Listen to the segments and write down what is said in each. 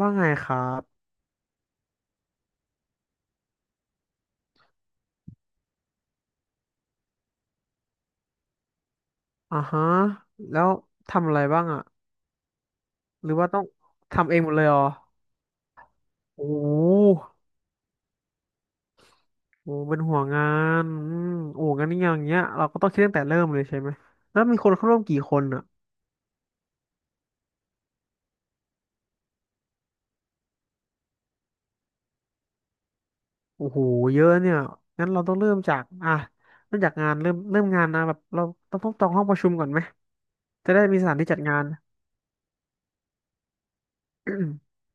ว่าไงครับอ่าฮะแล้วทำอะไรบ้างอะหรือว่าต้องทำเองหมดเลยเหรอโอ้โหโอ้เป็นห่วงานอืมโอ้งั้นอย่างเงี้ยเราก็ต้องคิดตั้งแต่เริ่มเลยใช่ไหมแล้วมีคนเข้าร่วมกี่คนอะโอ้โหเยอะเนี่ยงั้นเราต้องเริ่มจากอ่ะเริ่มจากงานเริ่มงานนะแบบเราต้องจองห้องประชุมก่อนไหมจะได้มีสถานที่จัดงาน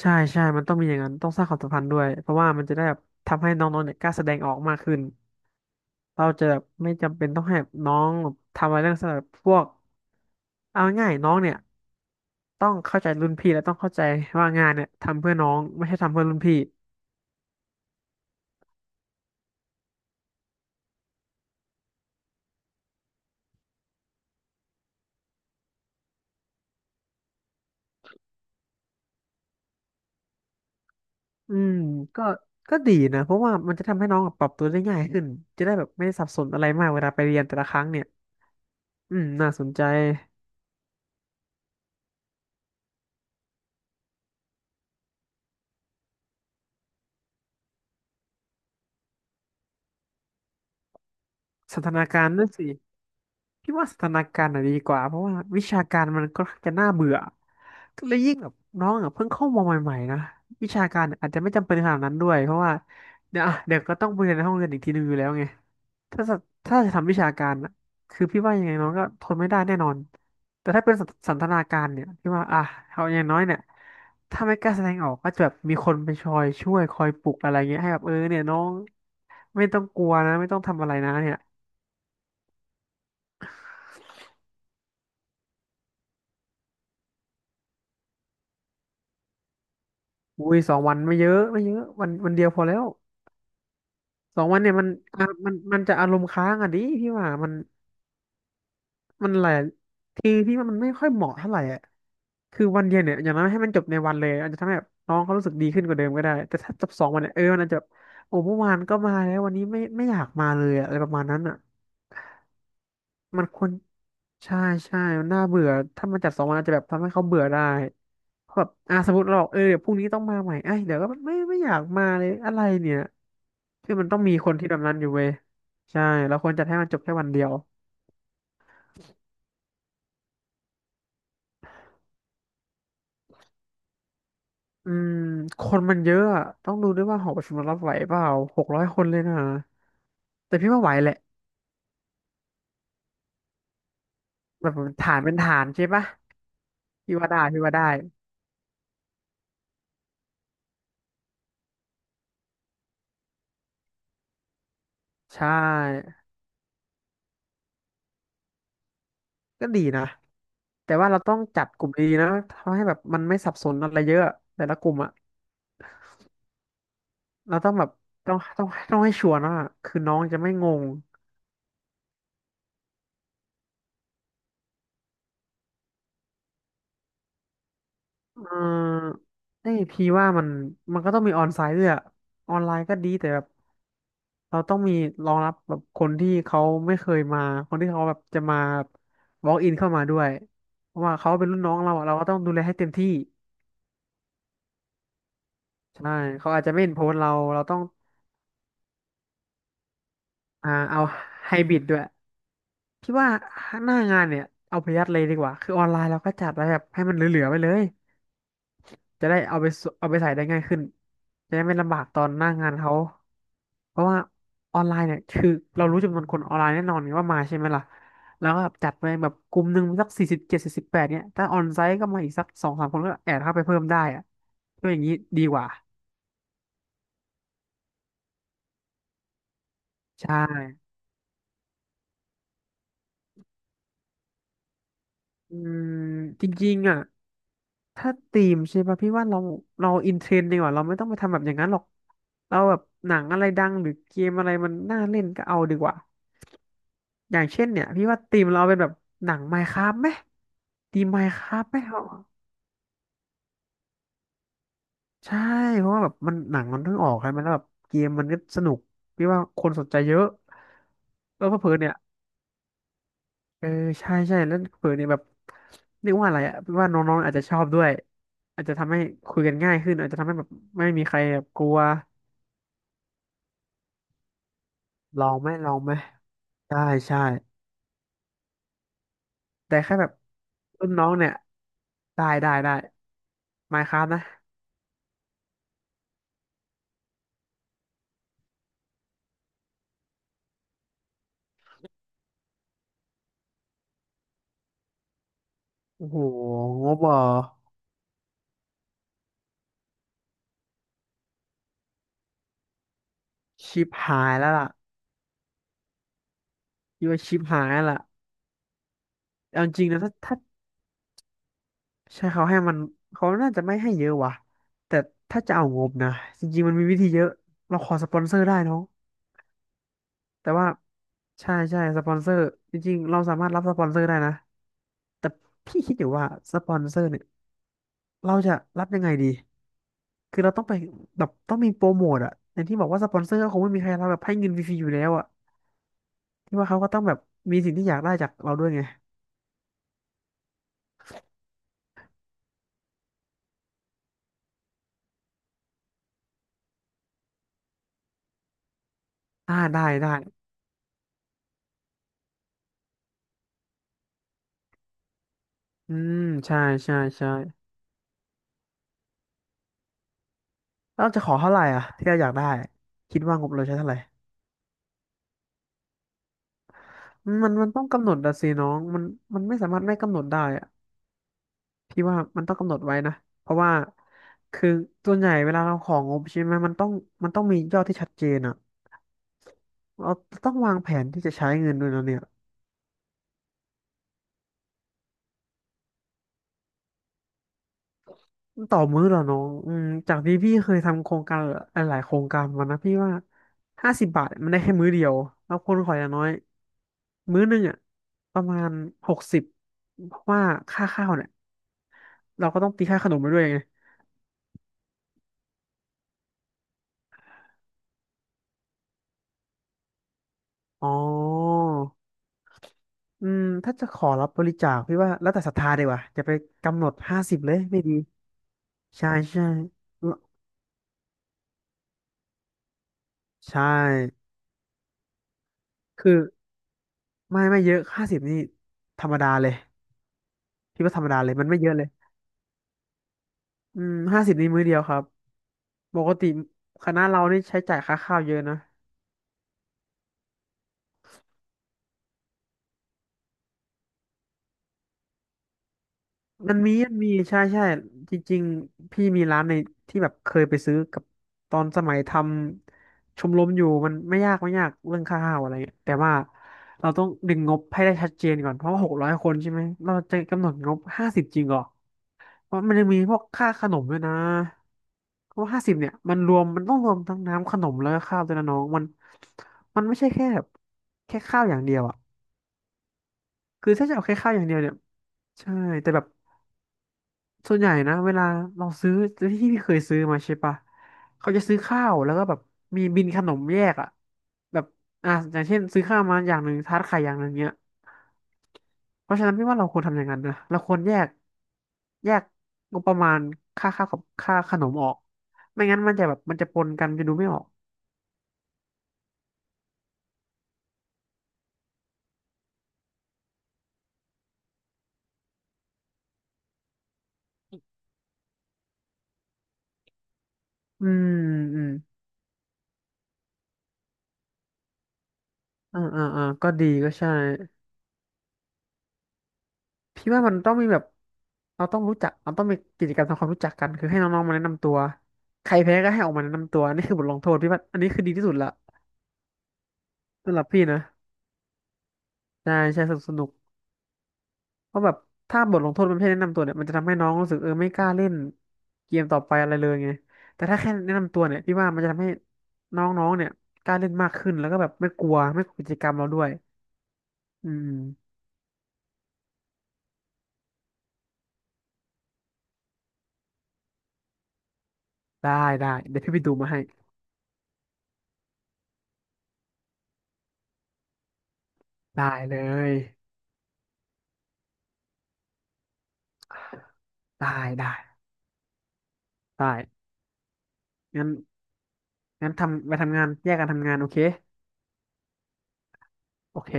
ใช่ใช่มันต้องมีอย่างนั้นต้องสร้างความสัมพันธ์ด้วยเพราะว่ามันจะได้แบบทำให้น้องๆเนี่ยกล้าแสดงออกมากขึ้น เราจะแบบไม่จำเป็นต้องให้น้องทำอะไรเรื่องสำหรับพวกเอาง่ายๆน้องเนี่ยต้องเข้าใจรุ่นพี่และต้องเข้าใจว่างานเนี่ยทำเพื่อน้องไม่ใช่ทำเพื่อรุ่นพี่อืมก็ก็ดีนะเพราะว่ามันจะทำให้น้องปรับตัวได้ง่ายขึ้นจะได้แบบไม่ได้สับสนอะไรมากเวลาไปเรียนแต่ละครั้งเนี่ยอืมน่าสนใจสันทนาการด้วยสิ พี่ว่าสถานการณ์น่ะดีกว่าเพราะว่าวิชาการมันก็จะน่าเบื่อและยิ่งแบบน้องอ่ะเพิ่งเข้ามาใหม่ๆนะวิชาการอาจจะไม่จำเป็นขนาดนั้นด้วยเพราะว่าเดี๋ยวอ่ะเดี๋ยวก็ต้องไปเรียนในห้องเรียนอีกทีนึงอยู่แล้วไงถ้าจะถ้าจะทำวิชาการน่ะคือพี่ว่ายังไงน้องก็ทนไม่ได้แน่นอนแต่ถ้าเป็นสันทนาการเนี่ยพี่ว่าอ่ะเอาอย่างน้อยเนี่ยถ้าไม่กล้าแสดงออกก็จะแบบมีคนไปชอยช่วยคอยปลุกอะไรเงี้ยให้แบบเออเนี่ยน้องไม่ต้องกลัวนะไม่ต้องทำอะไรนะเนี่ย อุ้ย2 วันไม่เยอะไม่เยอะวันเดียวพอแล้วสองวันเนี่ยมันจะอารมณ์ค้างอ่ะดิพี่ว่ามันหลายทีพี่ว่ามันไม่ค่อยเหมาะเท่าไหร่อ่ะคือวันเดียวเนี่ยอย่างน้อยให้มันจบในวันเลยอาจจะทำให้แบบน้องเขารู้สึกดีขึ้นกว่าเดิมก็ได้แต่ถ้าจบสองวันเนี่ยเออมันอาจจะแบบโอ้เมื่อวานก็มาแล้ววันนี้ไม่อยากมาเลยอะอะไรประมาณนั้นอ่ะมันควรใช่ใช่มันน่าเบื่อถ้ามันจัดสองวันอาจจะแบบทำให้เขาเบื่อได้เพราะแบบอ่ะสมมติเราบอกเออเดี๋ยวพรุ่งนี้ต้องมาใหม่ไอ้ยเดี๋ยวก็ไม่อยากมาเลยอะไรเนี่ย คือมันต้องมีคนที่แบบนั้นอยู่เว้ยใช่แล้วควรจัดให้มันจบแค่วันเดียวอืมคนมันเยอะอะต้องดูด้วยว่าหอประชุมมันรับไหวเปล่า600 คนเลยนะแต่พี่ว่าไหวแหละแบบฐานเป็นฐานใช่ปะพี่ว่าได้พี่ว่าได้ใช่ก็ดีนะแต่ว่าเราต้องจัดกลุ่มดีๆนะทำให้แบบมันไม่สับสนอะไรเยอะแต่ละกลุ่มอะเราต้องแบบต้องให้ชัวร์นะคือน้องจะไม่งงเออไอยพี่ว่ามันก็ต้องมีออนไซต์ด้วยอะออนไลน์ก็ดีแต่แบบ เราต้องมีรองรับแบบคนที่เขาไม่เคยมาคนที่เขาแบบจะมาบ walk in เข้ามาด้วยเพราะว่าเขาเป็นรุ่นน้องเราอะเราก็ต้องดูแลให้เต็มที่ใช่เขาอาจจะไม่เห็นโพสต์เราเราต้องอ่าเอาไฮบริดด้วยพี่ว่าหน้างานเนี่ยเอาไปยัดเลยดีกว่าคือออนไลน์เราก็จัดไว้แบบให้มันเหลือๆไปเลยจะได้เอาไปใส่ได้ง่ายขึ้นจะได้ไม่ลำบากตอนหน้างานเขา เพราะว่าออนไลน์เนี่ยคือเรารู้จำนวนคนออนไลน์แน่นอนว่ามาใช่ไหมล่ะ แล้วก็จัดไปแบบกลุ่มหนึ่งสัก4078เนี่ยถ้าออนไซต์ก็มาอีกสักสองสามคนก็แอดเข้าไปเพิ่มได้อะก็อย่างนี้ดีกว่าใช่อืมจริงๆอ่ะถ้าธีมใช่ป่ะพี่ว่าเราอินเทรนด์ดีกว่าเราไม่ต้องไปทำแบบอย่างนั้นหรอกเราแบบหนังอะไรดังหรือเกมอะไรมันน่าเล่นก็เอาดีกว่าอย่างเช่นเนี่ยพี่ว่าธีมเราเป็นแบบหนัง Minecraft ไหมธีม Minecraft ไหม ใช่เพราะว่าแบบมันหนังมันเพิ่งออกใช่ไหมแล้วแบบเกมมันก็สนุกพี่ว่าคนสนใจเยอะแล้วเพื่อๆเนี่ยเออใช่ใช่แล้วเพื่อเนี่ยแบบเรียกว่าอะไรอ่ะพี่ว่าน้องๆอาจจะชอบด้วยอาจจะทำให้คุยกันง่ายขึ้นอาจจะทำให้แบบไม่มีใครแบบกลัวลองไหมลองไหมได้ใช่แต่แค่แบบรุ่นน้องเนี่ยได้ได้ได้ไมน์คราฟนะโอ้โหงบเหรอชิปหายแล้วล่ะพี่ว่าชิปหายแล้วล่ะเอาจริงนะถ้า ใช่เขาให้มันเขาน่าจะไม่ให้เยอะว่ะแต่ถ้าจะเอางบนะจริงๆมันมีวิธีเยอะเราขอสปอนเซอร์ได้น้องแต่ว่าใช่ใช่สปอนเซอร์จริงๆเราสามารถรับสปอนเซอร์ได้นะแต่พี่คิดอยู่ว่าสปอนเซอร์เนี่ยเราจะรับยังไงดีคือเราต้องไปแบบต้องมีโปรโมทอะอย่างที่บอกว่าสปอนเซอร์ก็คงไม่มีใครรับแบบให้เงินฟรีๆอยู่แล้วอะที่ว่าเขาก็ต้องแบบมีสิ่งที่อยากได้จากเราด้วยไงอ่าได้ได้อืมใช่ใช่ใช่แล้วเราจะขอเท่าไหร่อ่ะที่เราอยากได้คิดว่างบเราใช้เท่าไหร่ มันต้องกำหนดอะสิน้องมันไม่สามารถไม่กำหนดได้อะพี่ว่ามันต้องกำหนดไว้นะเพราะว่าคือส่วนใหญ่เวลาเราของงบใช่ไหมมันต้องมียอดที่ชัดเจนอะเราต้องวางแผนที่จะใช้เงินด้วยนะเนี่ยต่อมื้อเหรอน้องอืมจากที่พี่เคยทำโครงการหลายๆโครงการมานะพี่ว่า50 บาทมันได้แค่มื้อเดียวแล้วคนขออย่างน้อยมื้อหนึงอะประมาณ60เพราะว่าค่าข้าวเนี่ยเราก็ต้องตีค่าขนมไปด้วยไงอ๋อ อืมถ้าจะขอรับบริจาคพี่ว่าแล้วแต่ศรัทธาดีกว่าจะไปกำหนดห้าสิบเลยไม่ดีใช่ใช่ใช่คือไม่ไม่เยอะห้าสิบนี่ธรรมดาเลยพี่ว่าธรรมดาเลยมันไม่เยอะเลยอืมห้าสิบนี่มื้อเดียวครับปกติคณะเรานี่ใช้จ่ายค่าข้าวเยอะนะ มันมีใช่ใช่จริงๆพี่มีร้านในที่แบบเคยไปซื้อกับตอนสมัยทำชมรมอยู่มันไม่ยากไม่ยากเรื่องค่าข้าวอะไรเงี้ยแต่ว่าเราต้องดึงงบให้ได้ชัดเจนก่อนเพราะว่า600 คนใช่ไหมเราจะกำหนดงบห้าสิบจริงเหรอเพราะมันยังมีพวกค่าขนมด้วยนะเพราะห้าสิบเนี่ยมันต้องรวมทั้งน้ำขนมแล้วก็ข้าวด้วยนะน้องมันมันไม่ใช่แค่แบบแค่ข้าวอย่างเดียวอ่ะคือถ้าจะเอาแค่ข้าวอย่างเดียวเนี่ยใช่แต่แบบ ส่วนใหญ่นะเวลาเราซื้อที่พี่เคยซื้อมาใช่ปะเขาจะซื้อข้าวแล้วก็แบบมีบินขนมแยกอ่ะแบบอ่ะอย่างเช่นซื้อข้าวมาอย่างหนึ่งทาร์ตไข่อย่างหนึ่งเนี้ยเพราะฉะนั้นพี่ว่าเราควรทำอย่างนั้นนะเราควรแยกงบประมาณค่าข้าวกับค่าขนมออกไม่งั้นมันจะแบบมันจะปนกันมันจะดูไม่ออกอืมอืมอ่าอ่าอ่าก็ดีก็ใช่ พี่ว่ามันต้องมีแบบเราต้องมีกิจกรรมทำความรู้จักกันคือให้น้องๆมาแนะนำตัวใครแพ้ก็ให้ออกมาแนะนำตัวนี่คือบทลงโทษพี่ว่าอันนี้คือดีที่สุดละสำหรับพี่นะใช่ใช่สนุกสนุกเพราะแบบถ้าบทลงโทษมันไม่ให้แนะนำตัวเนี่ยมันจะทำให้น้องรู้สึกเออไม่กล้าเล่นเกมต่อไปอะไรเลยไงแต่ถ้าแค่แนะนำตัวเนี่ยพี่ว่ามันจะทำให้น้องๆเนี่ยกล้าเล่นมากขึ้นแล้วก็แบบไม่กลัวไม่กลัวกิจกรรมเราด้วยอืมได้ได้เดี๋ยวพี่ไปดูมาให้ได้เลยได้ได้ได้งั้น งั้นทำไปทำงานแยกกันทำงานโอเคโอเค